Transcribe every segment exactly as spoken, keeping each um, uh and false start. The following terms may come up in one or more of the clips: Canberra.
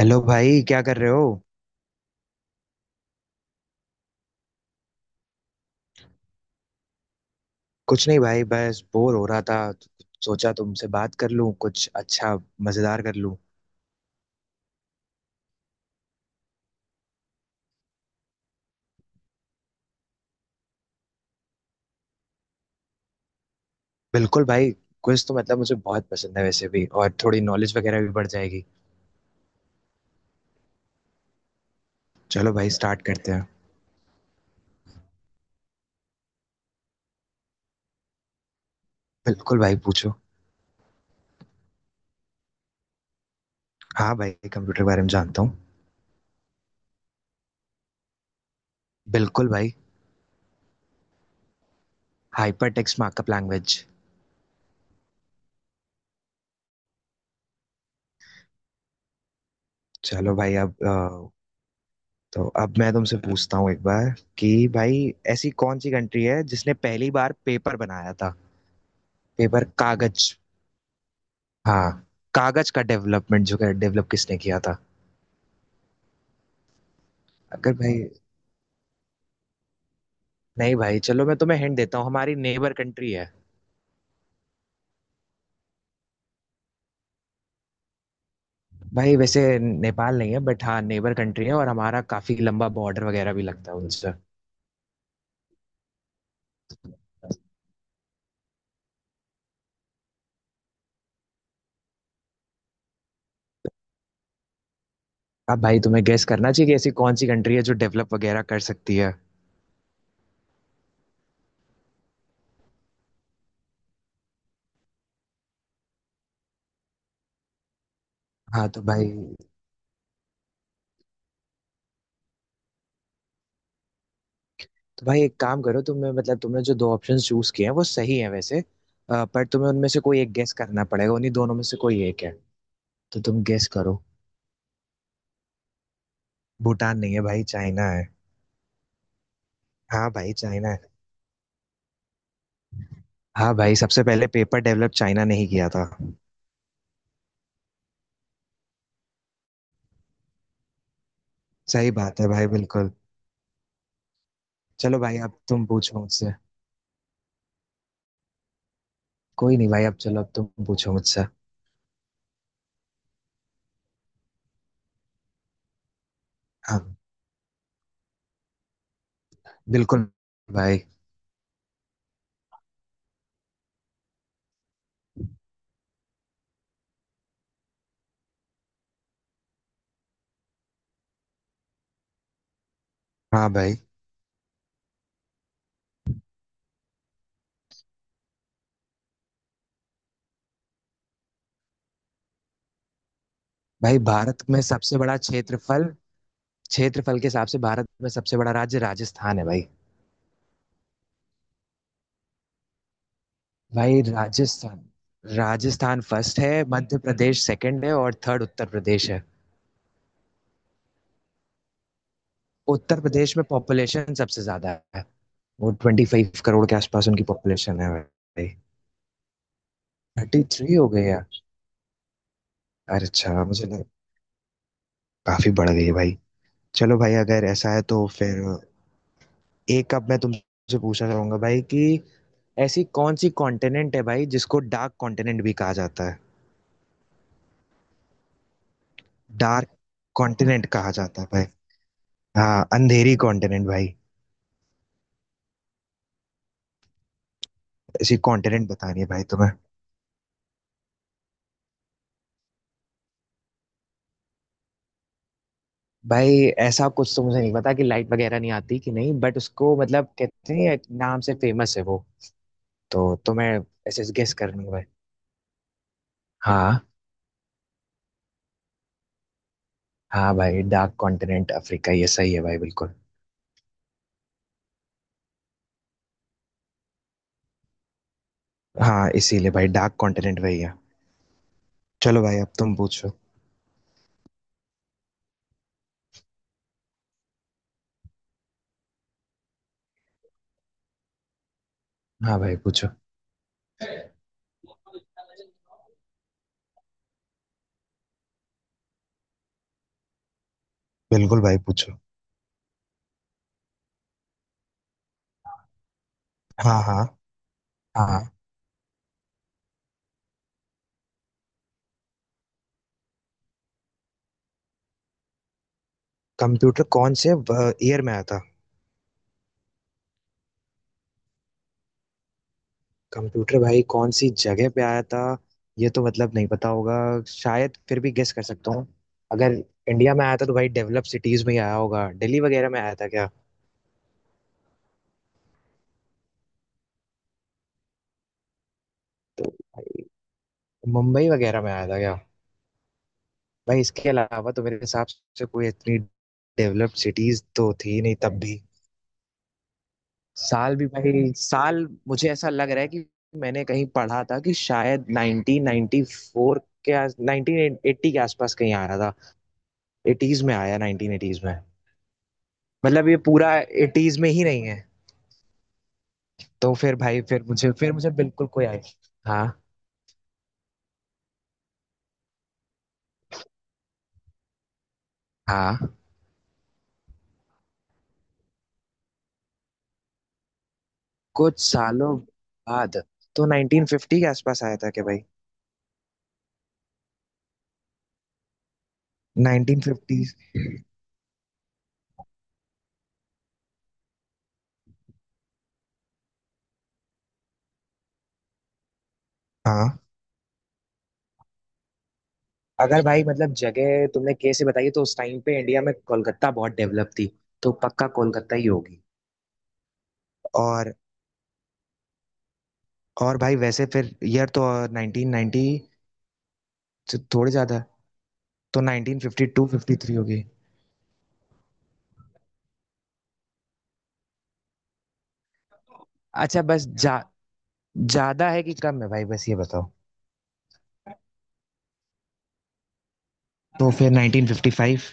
Hello भाई, क्या कर रहे हो। कुछ नहीं भाई, बस बोर हो रहा था तो सोचा तुमसे बात कर लूं, कुछ अच्छा मजेदार कर लूं। बिल्कुल भाई। क्विज तो मतलब मुझे बहुत पसंद है वैसे भी, और थोड़ी नॉलेज वगैरह भी बढ़ जाएगी। चलो भाई, स्टार्ट करते हैं। बिल्कुल भाई, पूछो। हाँ भाई, कंप्यूटर के बारे में जानता हूँ। बिल्कुल भाई। Hyper text markup language. चलो भाई अब अ, तो अब मैं तुमसे पूछता हूँ एक बार कि भाई, ऐसी कौन सी कंट्री है जिसने पहली बार पेपर बनाया था। पेपर, कागज। हाँ, कागज का डेवलपमेंट जो है, डेवलप किसने किया था। अगर भाई, हाँ। नहीं भाई, चलो मैं तुम्हें हिंट देता हूँ, हमारी नेबर कंट्री है। भाई वैसे नेपाल नहीं है बट हाँ, नेबर कंट्री है और हमारा काफी लंबा बॉर्डर वगैरह भी लगता है उनसे। अब भाई तुम्हें गेस करना चाहिए कि ऐसी कौन सी कंट्री है जो डेवलप वगैरह कर सकती है। हाँ तो भाई, तो भाई एक काम करो, तुम्हें मतलब तुमने जो दो ऑप्शन चूज किए हैं वो सही है वैसे, अ, पर तुम्हें उनमें से कोई एक गेस करना पड़ेगा, उन्हीं दोनों में से कोई एक है। तो तुम गेस करो। भूटान नहीं है भाई, चाइना है। हाँ भाई, चाइना है। हाँ भाई, सबसे पहले पेपर डेवलप चाइना ने ही किया था। सही बात है भाई, बिल्कुल। चलो भाई, अब तुम पूछो मुझसे। कोई नहीं भाई, अब चलो अब तुम पूछो मुझसे। हाँ। बिल्कुल भाई। हाँ भाई। भाई भारत में सबसे बड़ा क्षेत्रफल क्षेत्रफल के हिसाब से भारत में सबसे बड़ा राज्य राजस्थान है भाई। भाई राजस्थान राजस्थान फर्स्ट है, मध्य प्रदेश सेकंड है और थर्ड उत्तर प्रदेश है। उत्तर प्रदेश में पॉपुलेशन सबसे ज्यादा है। वो ट्वेंटी फाइव करोड़ के आसपास उनकी पॉपुलेशन है भाई। थर्टी थ्री हो गई है। अरे अच्छा, मुझे लगा काफी बढ़ गई है भाई। चलो भाई, अगर ऐसा है तो फिर एक अब मैं तुमसे पूछना चाहूंगा भाई, कि ऐसी कौन सी कॉन्टिनेंट है भाई जिसको डार्क कॉन्टिनेंट भी कहा जाता है। डार्क कॉन्टिनेंट कहा जाता है भाई। हाँ, अंधेरी कॉन्टिनेंट भाई। ऐसी कॉन्टिनेंट बतानी है भाई तुम्हें। भाई ऐसा कुछ तो मुझे नहीं पता कि लाइट वगैरह नहीं आती कि नहीं, बट उसको मतलब कहते हैं, एक नाम से फेमस है वो। तो तुम्हें ऐसे गेस करनी है भाई। हाँ। हाँ भाई, डार्क कॉन्टिनेंट अफ्रीका, ये सही है भाई, बिल्कुल। हाँ, इसीलिए भाई डार्क कॉन्टिनेंट वही है। चलो भाई, अब तुम पूछो। हाँ भाई, पूछो। बिल्कुल भाई, पूछो। हाँ हाँ। हाँ। कंप्यूटर कौन से ईयर में आया था। कंप्यूटर भाई कौन सी जगह पे आया था, ये तो मतलब नहीं पता होगा, शायद फिर भी गेस कर सकता हूँ। अगर इंडिया में आया था तो भाई डेवलप सिटीज में ही आया होगा, दिल्ली वगैरह में आया था क्या। तो भाई, मुंबई वगैरह में आया था क्या। भाई इसके अलावा तो मेरे हिसाब से कोई इतनी डेवलप सिटीज तो थी नहीं तब भी। साल भी भाई, साल मुझे ऐसा लग रहा है कि मैंने कहीं पढ़ा था कि शायद नाइनटीन नाइनटी फ़ोर के आस नाइनटीन एटी के आसपास कहीं आया था। एटीज में आया, नाइनटीन एटीज में, मतलब ये पूरा एटीज में ही नहीं है। तो फिर भाई, फिर मुझे फिर मुझे बिल्कुल कोई आइडिया। हाँ। हाँ, कुछ सालों बाद तो नाइनटीन फिफ्टी के आसपास आया था क्या भाई। Nineteen fifty. हाँ। अगर भाई मतलब जगह तुमने कैसे बताई है, तो उस टाइम पे इंडिया में कोलकाता बहुत डेवलप थी, तो पक्का कोलकाता ही होगी। और और भाई वैसे फिर ईयर तो नाइनटीन नाइनटी से थोड़े ज़्यादा है, तो nineteen fifty to fifty three होगी। अच्छा बस जा ज़्यादा है कि कम है भाई, बस ये बताओ। तो फिर नाइनटीन फिफ्टी फाइव।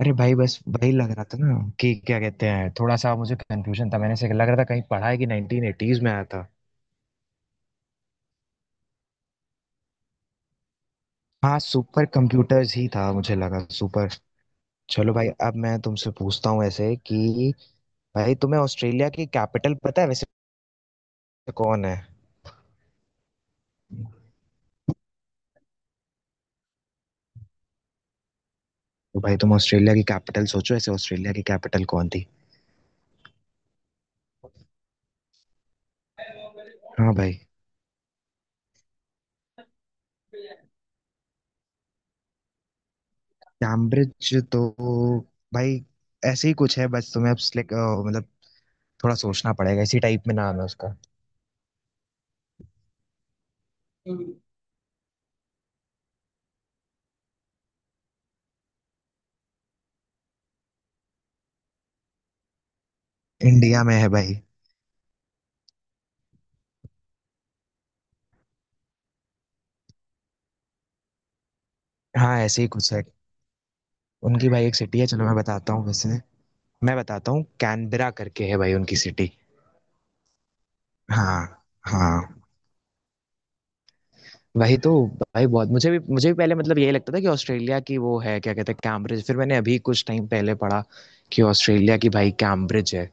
अरे भाई, बस वही लग रहा था ना, कि क्या कहते हैं, थोड़ा सा मुझे कंफ्यूजन था, मैंने से लग रहा था कहीं पढ़ा है कि नाइनटीन एटीज में आया था। हाँ, सुपर कंप्यूटर्स ही था, मुझे लगा सुपर। चलो भाई, अब मैं तुमसे पूछता हूँ ऐसे कि, भाई तुम्हें ऑस्ट्रेलिया की कैपिटल पता है वैसे, कौन है। तो भाई, तुम ऑस्ट्रेलिया की कैपिटल सोचो, ऐसे ऑस्ट्रेलिया की कैपिटल कौन थी। हाँ भाई। कैम्ब्रिज तो भाई ऐसे ही कुछ है, बस तुम्हें अब select- अ, मतलब थोड़ा सोचना पड़ेगा, इसी टाइप में नाम है उसका। हम्म। इंडिया में है भाई। हाँ, ऐसे ही कुछ है। उनकी भाई एक सिटी है, चलो मैं बताता हूँ वैसे, मैं बताता हूँ कैनबरा करके है भाई, उनकी सिटी। हाँ। हाँ, वही तो। भाई बहुत मुझे भी मुझे भी पहले मतलब यही लगता था कि ऑस्ट्रेलिया की वो है क्या कहते हैं कैम्ब्रिज, फिर मैंने अभी कुछ टाइम पहले पढ़ा कि ऑस्ट्रेलिया की भाई कैम्ब्रिज है।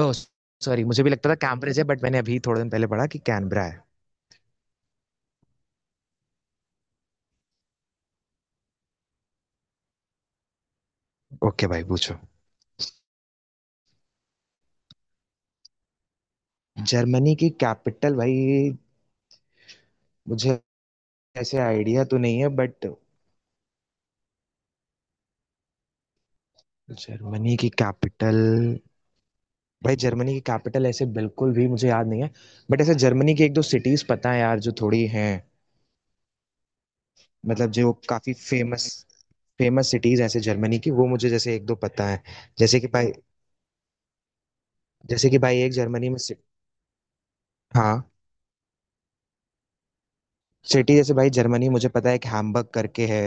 ओह सॉरी, मुझे भी लगता था कैम्ब्रिज है बट मैंने अभी थोड़े दिन पहले पढ़ा कि कैनबरा है। ओके भाई, पूछो। जर्मनी की कैपिटल भाई। मुझे ऐसे आइडिया तो नहीं है, बट जर्मनी की कैपिटल, भाई जर्मनी की कैपिटल ऐसे बिल्कुल भी मुझे याद नहीं है, बट ऐसे जर्मनी की एक दो सिटीज पता है यार, जो थोड़ी हैं। मतलब जो काफी फेमस फेमस सिटीज ऐसे जर्मनी की वो मुझे जैसे एक दो पता है। जैसे कि भाई जैसे कि भाई, एक जर्मनी में सि- हाँ, सिटी जैसे भाई जर्मनी, मुझे पता है एक हैम्बर्ग करके है,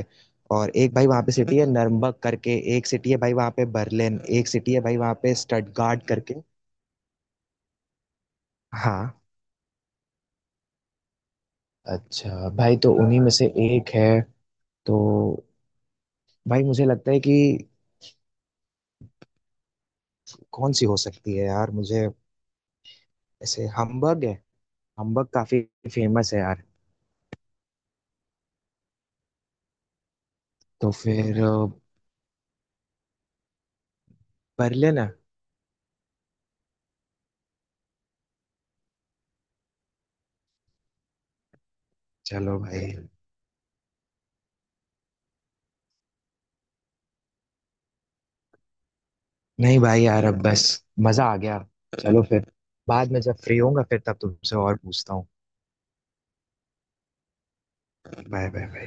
और एक भाई वहाँ पे सिटी है नर्मबर्ग करके, एक सिटी है भाई वहाँ पे बर्लिन, एक सिटी है भाई वहाँ पे स्टटगार्ड करके। हाँ। अच्छा भाई, तो उन्हीं में से एक है। तो भाई मुझे लगता है कि कौन सी हो सकती है यार, मुझे ऐसे हम्बर्ग है, हम्बर्ग काफी फेमस है यार। तो फिर अ, बर्लिन है। चलो भाई। नहीं भाई यार, अब बस मजा आ गया। चलो फिर, बाद में जब फ्री होऊंगा फिर तब तुमसे और पूछता हूँ। Bye bye.